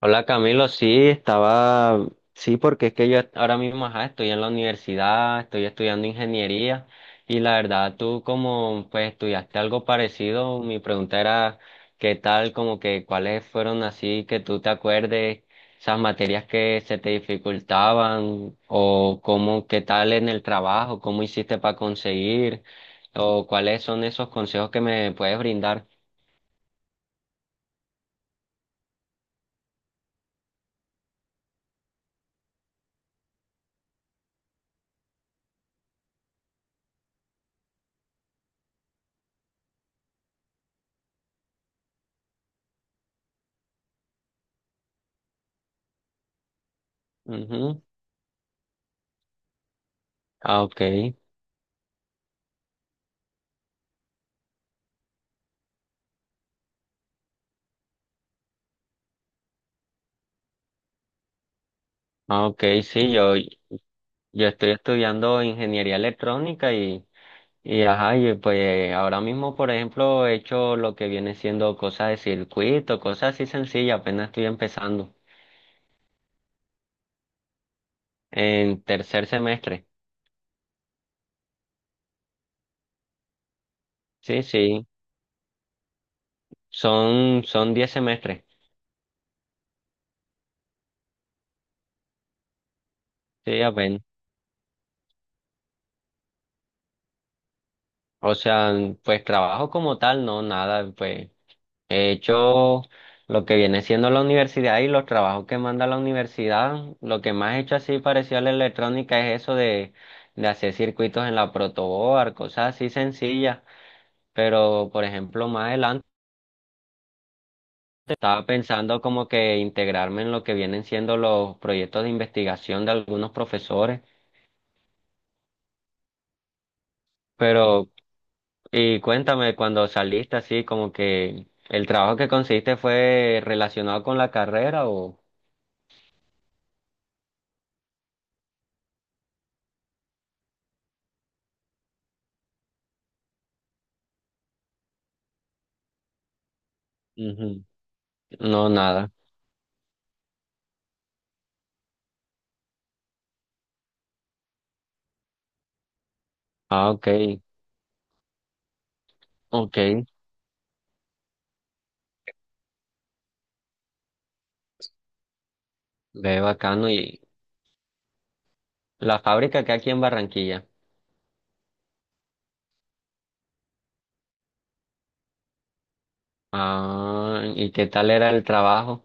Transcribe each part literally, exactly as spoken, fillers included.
Hola Camilo, sí, estaba, sí, porque es que yo ahora mismo ajá, estoy en la universidad, estoy estudiando ingeniería y la verdad tú como pues estudiaste algo parecido, mi pregunta era qué tal, como que cuáles fueron así que tú te acuerdes, esas materias que se te dificultaban o cómo, qué tal en el trabajo, cómo hiciste para conseguir o cuáles son esos consejos que me puedes brindar. Ujú. Ah, ok. Ah, ok, sí, yo, Yo estoy estudiando ingeniería electrónica y, y ajá, y pues ahora mismo, por ejemplo, he hecho lo que viene siendo cosas de circuito, cosas así sencillas, apenas estoy empezando en tercer semestre. Sí, sí, son, son diez semestres. Sí, apenas. O sea, pues trabajo como tal, no, nada, pues he hecho lo que viene siendo la universidad y los trabajos que manda la universidad. Lo que más he hecho así parecido a la electrónica es eso de, de hacer circuitos en la protoboard, cosas así sencillas. Pero, por ejemplo, más adelante estaba pensando como que integrarme en lo que vienen siendo los proyectos de investigación de algunos profesores. Pero, y cuéntame, cuando saliste así, como que el trabajo que conseguiste fue relacionado con la carrera o Ujú. No, nada. Ah, ok, ok, ve bacano. ¿Y la fábrica que aquí en Barranquilla? Ah, ¿y qué tal era el trabajo?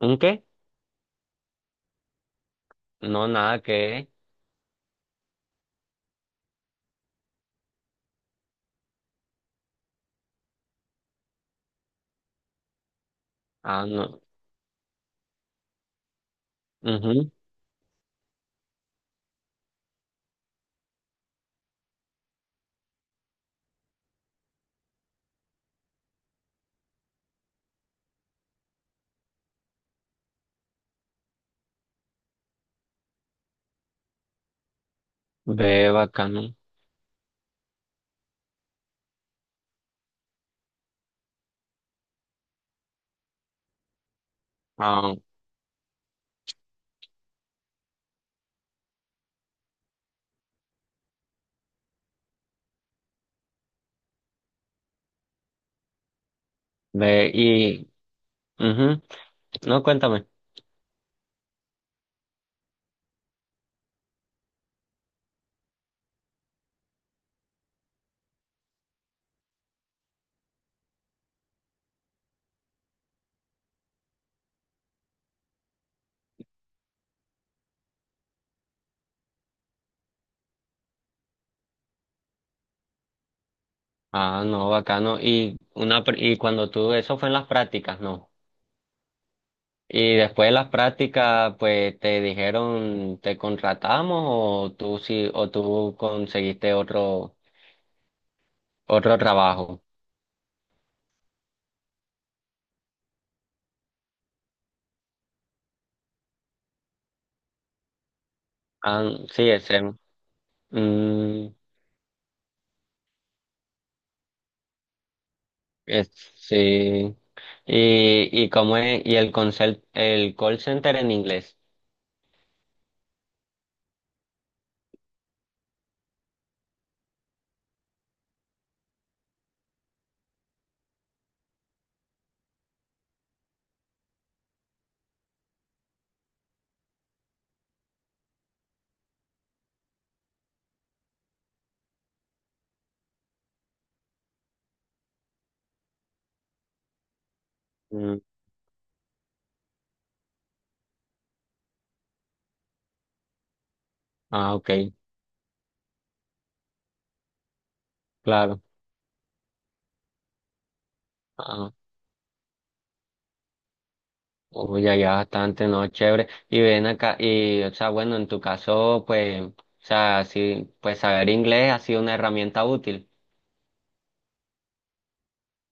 ¿Un qué? No, nada que. Ah, no. Mhm. Ve bacano. Ah, ve y. Mhm. No, cuéntame. Ah, no, bacano. Y una pr- y cuando tú, eso fue en las prácticas, ¿no? Y después de las prácticas, pues te dijeron, ¿te contratamos o tú sí, o tú conseguiste otro, otro trabajo? Ah, sí, extremo. Mm, es- sí. Y, y cómo es, y el consel- el call center en inglés. Mm, ah, ok, claro. Ah, uy, ya, ya bastante, no, chévere. Y ven acá, y, o sea, bueno, en tu caso, pues, o sea, sí, pues saber inglés ha sido una herramienta útil.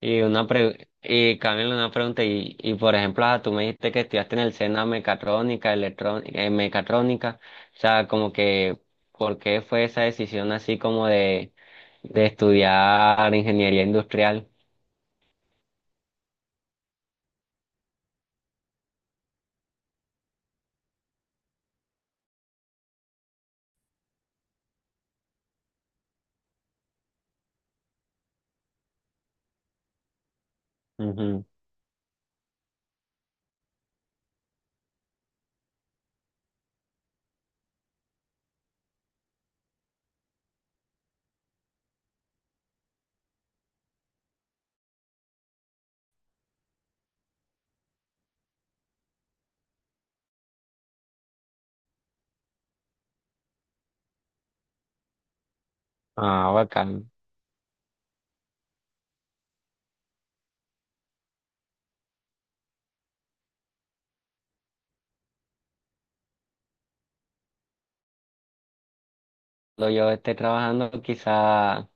Y una pre y Camilo una pregunta, y, y por ejemplo, ah, tú me dijiste que estudiaste en el SENA mecatrónica, electrónica, eh, mecatrónica, o sea, como que, ¿por qué fue esa decisión así como de, de estudiar ingeniería industrial? Ujú. Ah, bacán. Cuando yo esté trabajando, quizá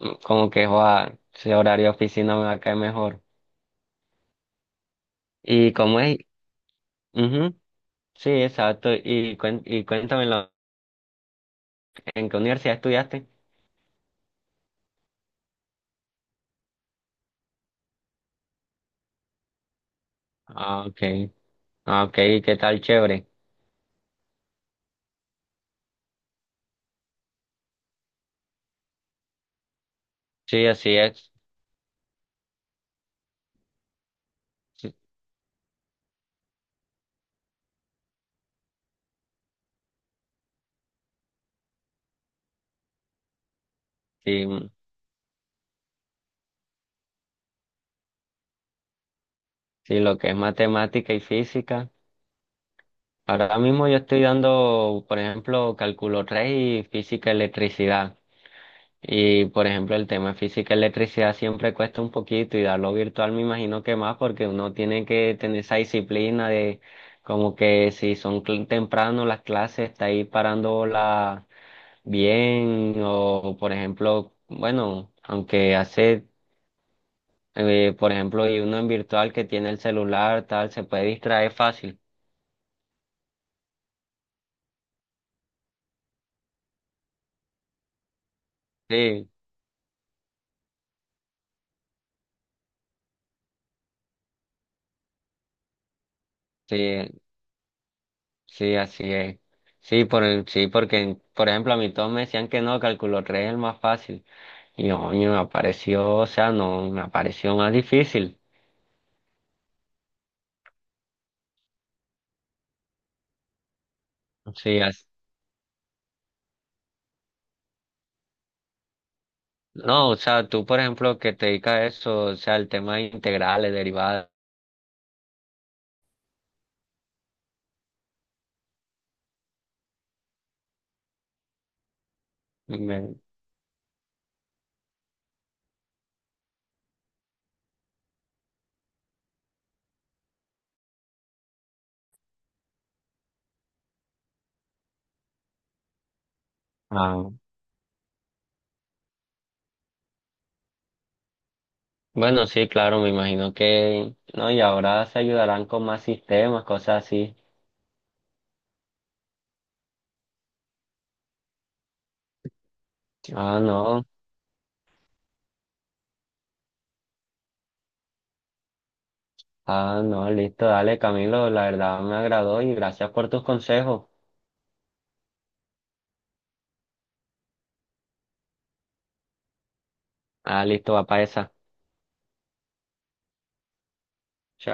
mm, como que, joa, si horario de oficina me va a caer mejor. ¿Y cómo es? Ujú. Sí, exacto. Y, cuen- y cuéntamelo, ¿en qué universidad estudiaste? Ah, ok. Ah, ok, ¿qué tal? Chévere. Sí, así es. Sí, sí, sí, lo que es matemática y física. Ahora mismo yo estoy dando, por ejemplo, cálculo tres y física electricidad. Y, por ejemplo, el tema de física electricidad siempre cuesta un poquito y darlo virtual me imagino que más porque uno tiene que tener esa disciplina de como que si son cl- temprano las clases, está ahí parándola bien o, por ejemplo, bueno, aunque hace Eh, por ejemplo, y uno en virtual que tiene el celular, tal, se puede distraer fácil. Sí, sí, sí, así es. Sí, por el, sí, porque, por ejemplo, a mí todos me decían que no, cálculo tres es el más fácil. Y oye, me apareció, o sea, no, me apareció más difícil. Sí, as- no, o sea, tú, por ejemplo, que te dedicas a eso, o sea, el tema de integrales, derivadas. Me- ah, bueno, sí, claro, me imagino que, no, y ahora se ayudarán con más sistemas, cosas así. Ah, no. Ah, no, listo, dale, Camilo, la verdad me agradó y gracias por tus consejos. Ah, listo, va para esa. Chao.